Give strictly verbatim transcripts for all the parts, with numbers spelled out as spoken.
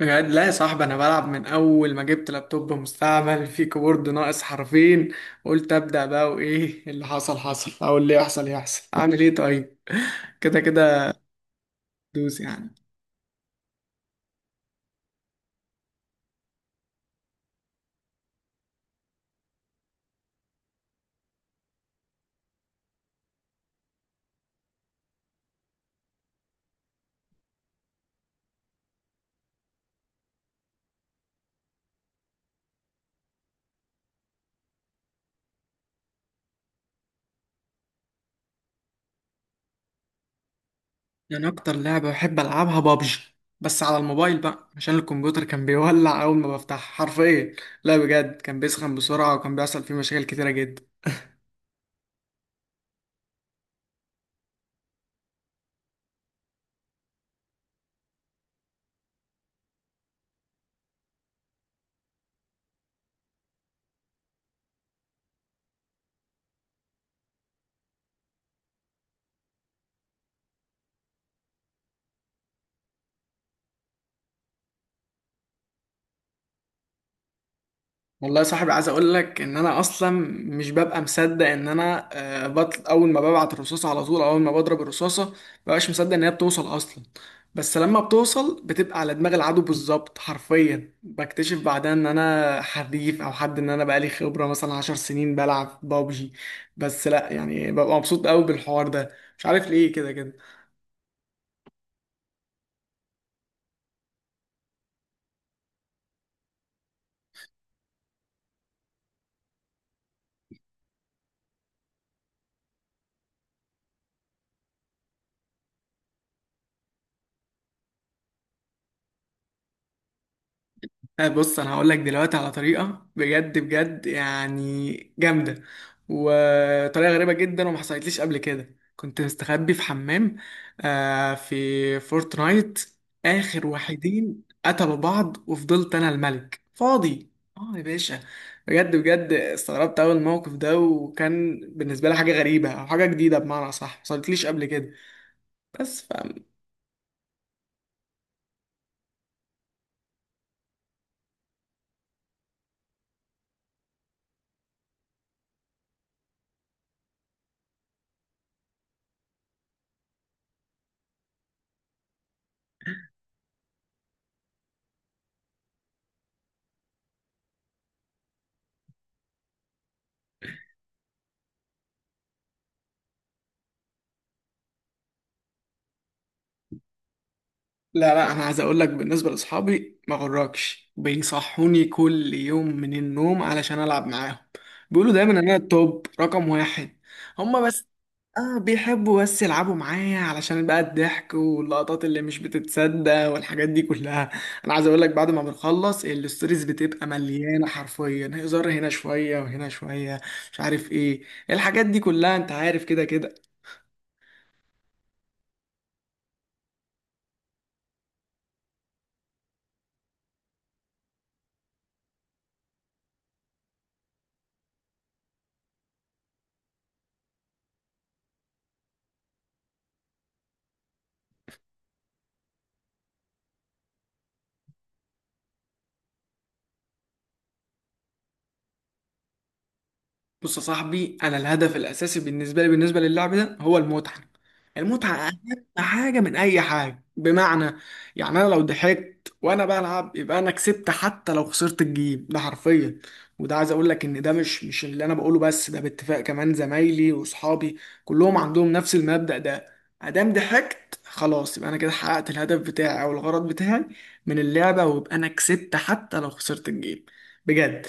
بجد لا يا صاحبي، انا بلعب من اول ما جبت لابتوب مستعمل في كيبورد ناقص حرفين. قلت ابدا بقى، وايه اللي حصل حصل او اللي يحصل يحصل. اعمل ايه طيب؟ كده كده. دوس يعني. يعني اكتر لعبه بحب العبها بابجي، بس على الموبايل بقى عشان الكمبيوتر كان بيولع اول ما بفتح حرفيا. لا بجد كان بيسخن بسرعه، وكان بيحصل فيه مشاكل كتيره جدا. والله يا صاحبي، عايز اقول لك ان انا اصلا مش ببقى مصدق ان انا آه، بطل. اول ما ببعت الرصاصه على طول، أو اول ما بضرب الرصاصه مبقاش مصدق ان هي بتوصل اصلا. بس لما بتوصل بتبقى على دماغ العدو بالظبط حرفيا. بكتشف بعدها ان انا حريف، او حد ان انا بقالي خبره مثلا عشر سنين بلعب بابجي. بس لا، يعني ببقى مبسوط قوي بالحوار ده. مش عارف ليه. كده كده. آه، بص انا هقول لك دلوقتي على طريقه بجد بجد يعني جامده، وطريقه غريبه جدا وما حصلتليش قبل كده. كنت مستخبي في حمام آه في فورتنايت. اخر واحدين قتلوا بعض وفضلت انا الملك فاضي. اه يا باشا، بجد بجد استغربت اول الموقف ده، وكان بالنسبه لي حاجه غريبه او حاجه جديده، بمعنى صح ما حصلتليش قبل كده. بس. لا لا، انا عايز اقول لك بالنسبه لاصحابي ما غركش بيصحوني كل يوم من النوم علشان العب معاهم. بيقولوا دايما ان انا التوب رقم واحد. هما بس اه بيحبوا بس يلعبوا معايا علشان بقى الضحك واللقطات اللي مش بتتصدق والحاجات دي كلها. انا عايز اقول لك، بعد ما بنخلص الستوريز بتبقى مليانه حرفيا هزار، هنا شويه وهنا شويه. مش عارف ايه. الحاجات دي كلها انت عارف. كده كده. بص يا صاحبي، انا الهدف الاساسي بالنسبه لي بالنسبه للعب ده هو المتعه. المتعه اهم حاجه من اي حاجه. بمعنى يعني انا لو ضحكت وانا بلعب يبقى انا كسبت حتى لو خسرت الجيم ده حرفيا. وده عايز اقول لك ان ده مش مش اللي انا بقوله بس، ده باتفاق كمان زمايلي واصحابي كلهم عندهم نفس المبدأ ده. ادام ضحكت خلاص، يبقى انا كده حققت الهدف بتاعي او الغرض بتاعي من اللعبه، ويبقى انا كسبت حتى لو خسرت الجيم. بجد.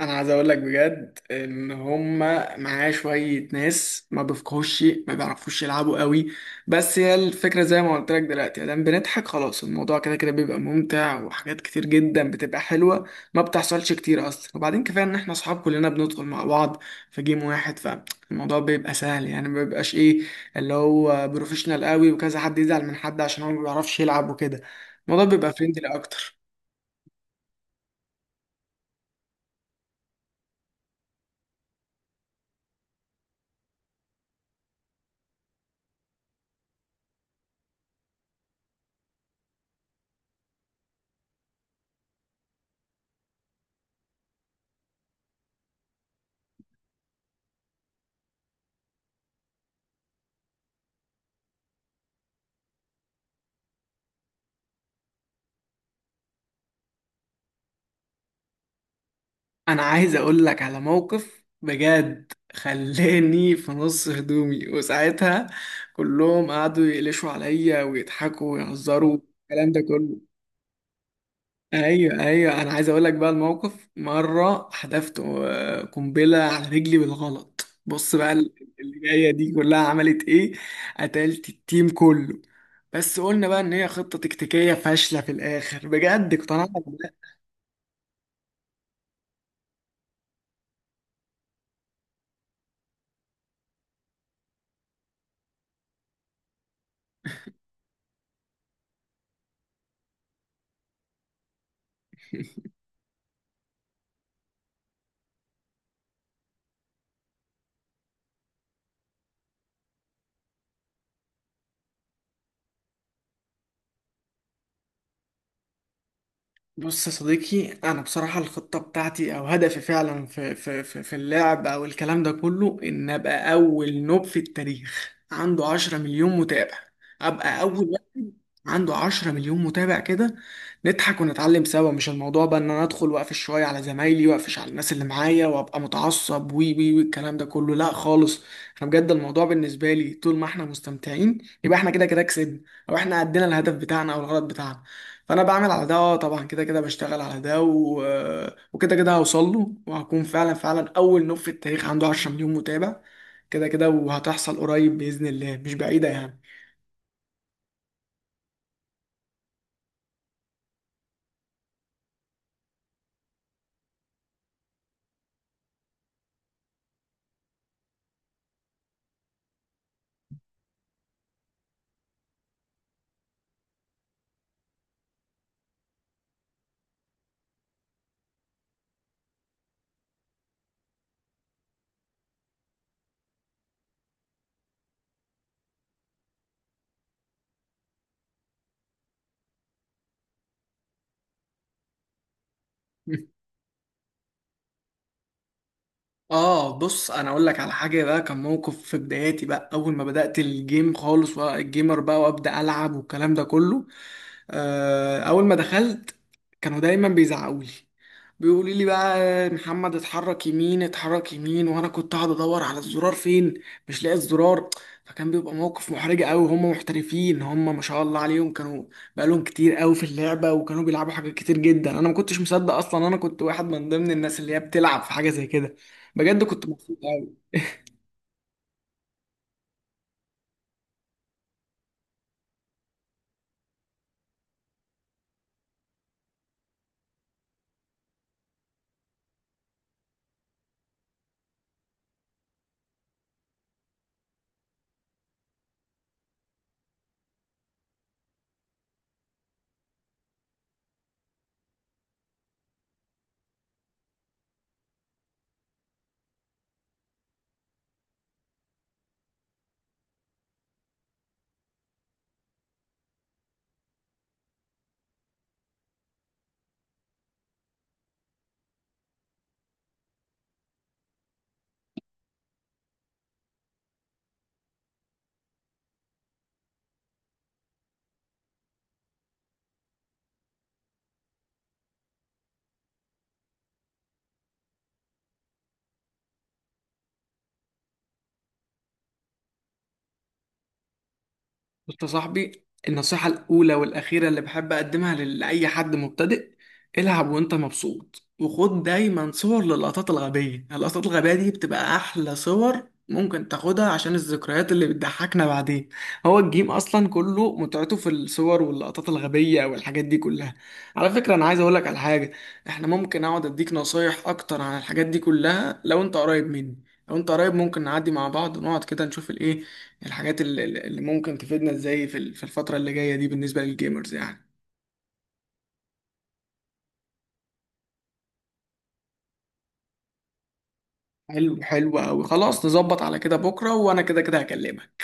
انا عايز اقول لك بجد ان هما معاه شويه ناس ما بيفقهوش شيء، ما بيعرفوش يلعبوا قوي. بس هي الفكره زي ما قلت لك دلوقتي، دام بنضحك خلاص الموضوع كده كده بيبقى ممتع، وحاجات كتير جدا بتبقى حلوه ما بتحصلش كتير اصلا. وبعدين كفايه ان احنا اصحاب كلنا بندخل مع بعض في جيم واحد، فالموضوع بيبقى سهل. يعني ما بيبقاش ايه اللي هو بروفيشنال قوي وكذا حد يزعل من حد عشان هو ما بيعرفش يلعب وكده. الموضوع بيبقى فريندلي اكتر. انا عايز اقول لك على موقف بجد خلاني في نص هدومي، وساعتها كلهم قعدوا يقلشوا عليا ويضحكوا ويهزروا الكلام ده كله. ايوه ايوه، انا عايز اقول لك بقى الموقف. مره حدفت آه، قنبله على رجلي بالغلط. بص بقى ال- اللي جايه دي كلها عملت ايه: قتلت التيم كله. بس قلنا بقى ان هي خطه تكتيكيه فاشله. في الاخر بجد اقتنعت. بص يا صديقي، انا بصراحه الخطه بتاعتي او هدفي فعلا في في في, في اللعب او الكلام ده كله، ان ابقى اول نوب في التاريخ عنده 10 مليون متابع. ابقى اول واحد عنده 10 مليون متابع كده، نضحك ونتعلم سوا. مش الموضوع بقى ان انا ادخل واقفش شويه على زمايلي واقفش على الناس اللي معايا وابقى متعصب وي وي وي الكلام ده كله، لا خالص. انا بجد الموضوع بالنسبه لي، طول ما احنا مستمتعين يبقى احنا كده كده كسبنا، او احنا عدينا الهدف بتاعنا او الغرض بتاعنا. فانا بعمل على ده طبعا، كده كده بشتغل على ده و... وكده كده هوصل له، وهكون فعلا فعلا اول نوع في التاريخ عنده 10 مليون متابع. كده كده وهتحصل قريب باذن الله، مش بعيده يعني. اه، بص انا اقول لك على حاجه بقى. كان موقف في بداياتي بقى، اول ما بدات الجيم خالص بقى الجيمر بقى وابدا العب والكلام ده كله. آه، اول ما دخلت كانوا دايما بيزعقوا لي، بيقولوا لي بقى محمد اتحرك يمين اتحرك يمين، وانا كنت قاعد ادور على الزرار فين، مش لاقي الزرار. فكان بيبقى موقف محرج قوي. هم محترفين، هم ما شاء الله عليهم كانوا بقالهم كتير قوي في اللعبه، وكانوا بيلعبوا حاجات كتير جدا. انا ما كنتش مصدق اصلا انا كنت واحد من ضمن الناس اللي هي بتلعب في حاجه زي كده. بجد كنت مبسوط قوي. بص يا صاحبي، النصيحة الأولى والأخيرة اللي بحب أقدمها لل- لأي حد مبتدئ: العب وأنت مبسوط، وخد دايما صور للقطات الغبية. اللقطات الغبية دي بتبقى أحلى صور ممكن تاخدها عشان الذكريات اللي بتضحكنا بعدين. هو الجيم أصلا كله متعته في الصور واللقطات الغبية والحاجات دي كلها. على فكرة أنا عايز أقولك على حاجة: إحنا ممكن أقعد أديك نصايح أكتر عن الحاجات دي كلها لو أنت قريب مني. لو أنت قريب ممكن نعدي مع بعض ونقعد كده نشوف الإيه، الحاجات ال- ال- اللي ممكن تفيدنا ازاي في ال- في الفترة اللي جاية دي بالنسبة للجيمرز يعني. حلو حلو أوي، خلاص نظبط على كده بكرة، وأنا كده كده هكلمك.